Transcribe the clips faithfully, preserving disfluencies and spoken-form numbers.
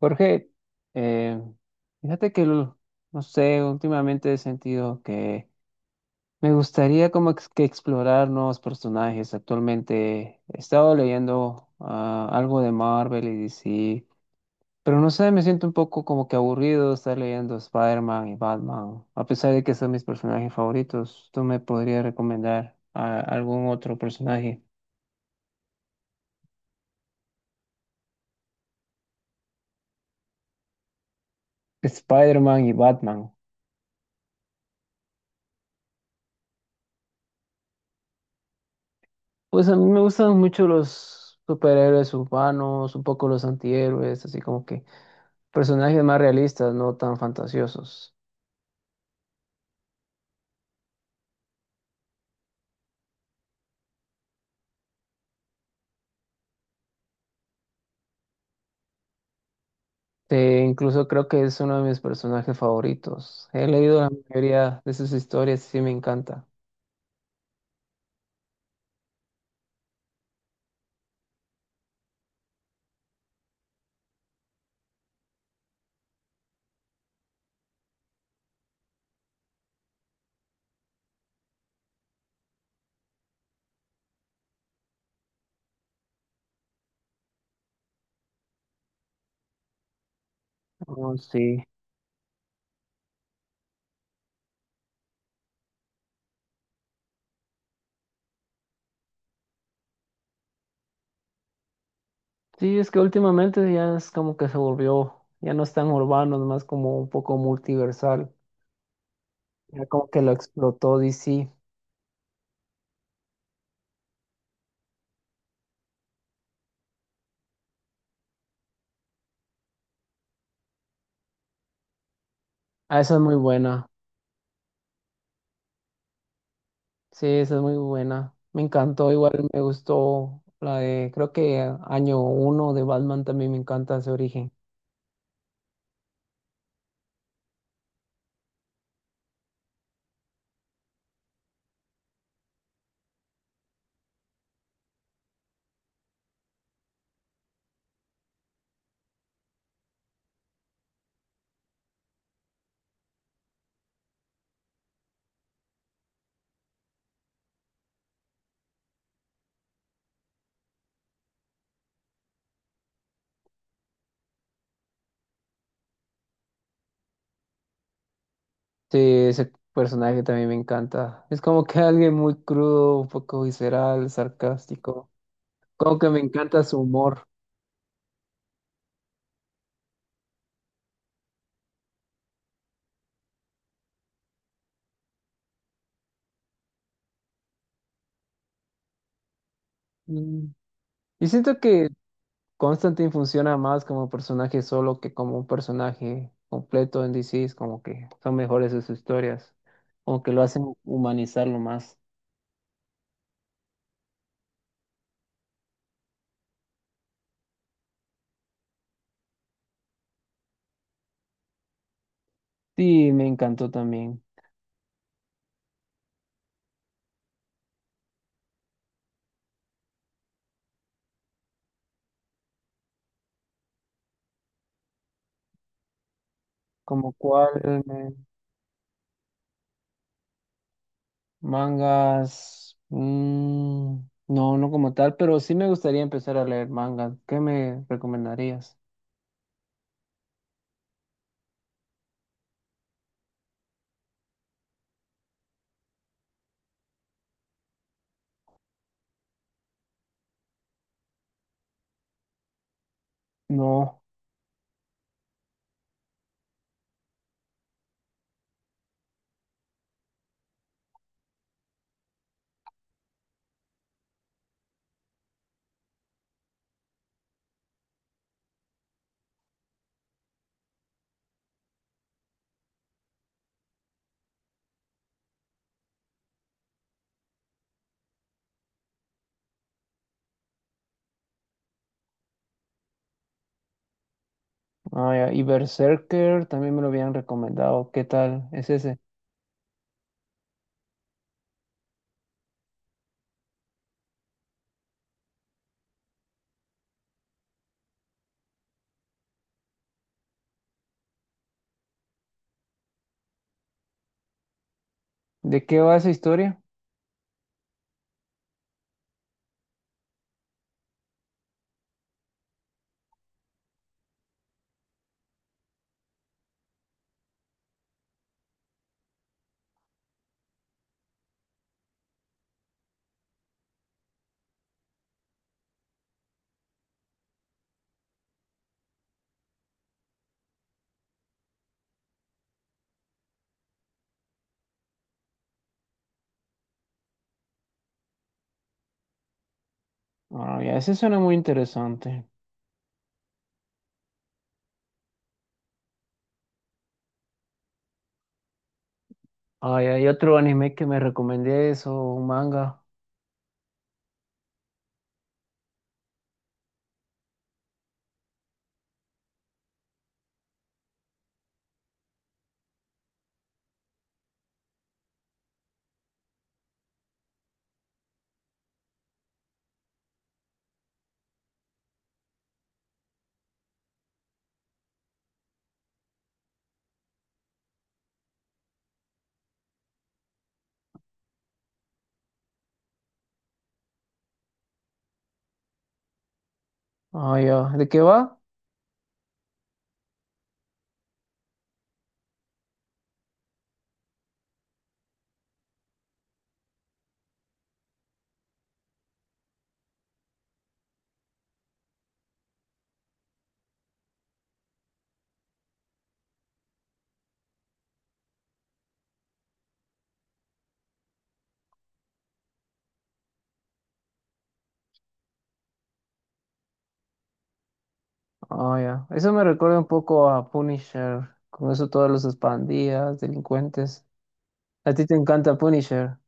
Jorge, eh, fíjate que, lo- no sé, últimamente he sentido que me gustaría como ex- que explorar nuevos personajes. Actualmente he estado leyendo ah, algo de Marvel y D C, pero no sé, me siento un poco como que aburrido de estar leyendo Spider-Man y Batman, a pesar de que son mis personajes favoritos. ¿Tú me podrías recomendar a- algún otro personaje? Spider-Man y Batman. Pues a mí me gustan mucho los superhéroes urbanos, un poco los antihéroes, así como que personajes más realistas, no tan fantasiosos. Eh, incluso creo que es uno de mis personajes favoritos. He leído la mayoría de sus historias y sí me encanta. Oh, sí. Sí, es que últimamente ya es como que se volvió, ya no es tan urbano, es más como un poco multiversal. Ya como que lo explotó D C. Ah, esa es muy buena. Sí, esa es muy buena. Me encantó, igual me gustó la de, creo que año uno de Batman también me encanta ese origen. Sí, ese personaje también me encanta. Es como que alguien muy crudo, un poco visceral, sarcástico. Como que me encanta su humor. Mm. Y siento que Constantine funciona más como personaje solo que como un personaje completo en D C. Es como que son mejores sus historias. Como que lo hacen humanizarlo más. Sí, me encantó también. Como cuál me- mangas. Mm, no, no como tal, pero sí me gustaría empezar a leer mangas. ¿Qué me recomendarías? No. Ah, ya, y Berserker también me lo habían recomendado. ¿Qué tal es ese? ¿De qué va esa historia? Ah, ya, ese suena muy interesante. Ah, ya, y otro anime que me recomendé eso, un manga. Ah, ya, ¿de qué va? Ah, ya, eso me recuerda un poco a Punisher, con eso todos los pandillas, delincuentes. A ti te encanta Punisher.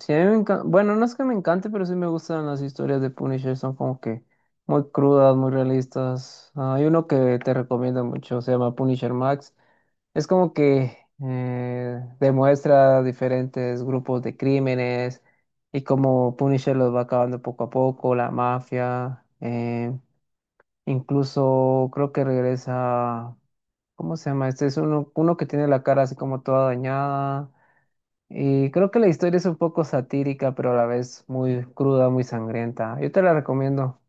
Sí, a mí me encanta. Bueno, no es que me encante, pero sí me gustan las historias de Punisher. Son como que muy crudas, muy realistas. Ah, hay uno que te recomiendo mucho, se llama Punisher Max. Es como que eh, demuestra diferentes grupos de crímenes y cómo Punisher los va acabando poco a poco, la mafia. Eh, incluso creo que regresa. ¿Cómo se llama? Este es uno, uno que tiene la cara así como toda dañada. Y creo que la historia es un poco satírica, pero a la vez muy cruda, muy sangrienta. Yo te la recomiendo.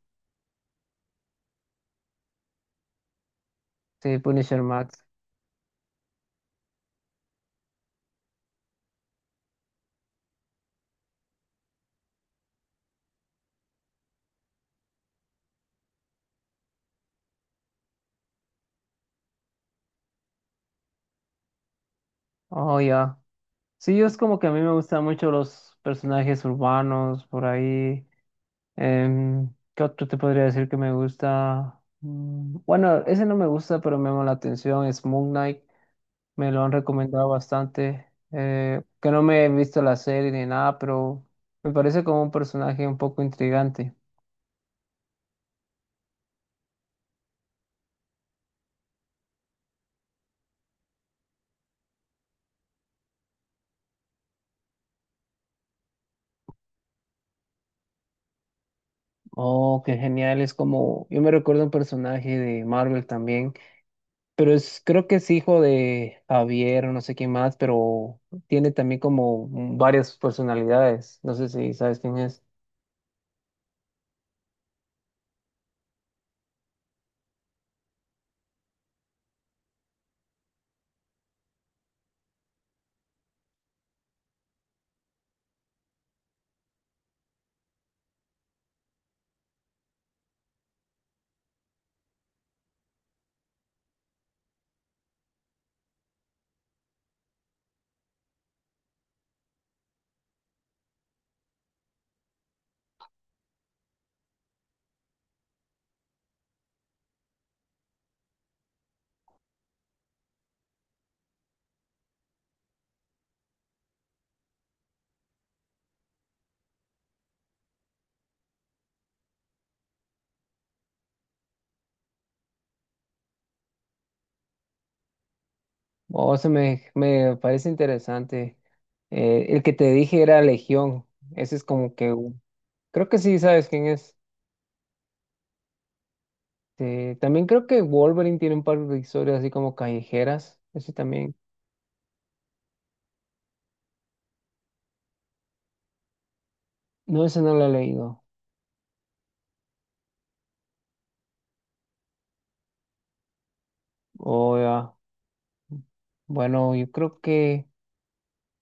Sí, Punisher Max. Oh, ya. Sí, yo es como que a mí me gustan mucho los personajes urbanos por ahí. Em, ¿qué otro te podría decir que me gusta? Mm, Bueno, ese no me gusta, pero me llama la atención. Es Moon Knight. Me lo han recomendado bastante. Eh, que no me he visto la serie ni nada, pero me parece como un personaje un poco intrigante. Oh, qué genial, es como, yo me recuerdo un personaje de Marvel también, pero es, creo que es hijo de Javier o no sé quién más, pero tiene también como varias personalidades, no sé si sabes quién es. Oh, eso me, me parece interesante. Eh, el que te dije era Legión, ese es como que, un- creo que sí sabes quién es. Eh, también creo que Wolverine tiene un par de historias así como callejeras, ese también. No, ese no lo he leído. Oh, ya. Bueno, yo creo que...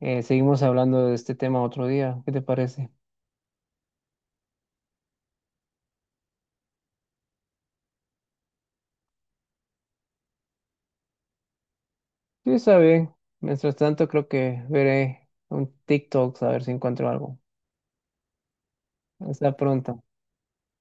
Eh, seguimos hablando de este tema otro día. ¿Qué te parece? Sí, está bien. Mientras tanto, creo que veré un TikTok a ver si encuentro algo. Hasta pronto.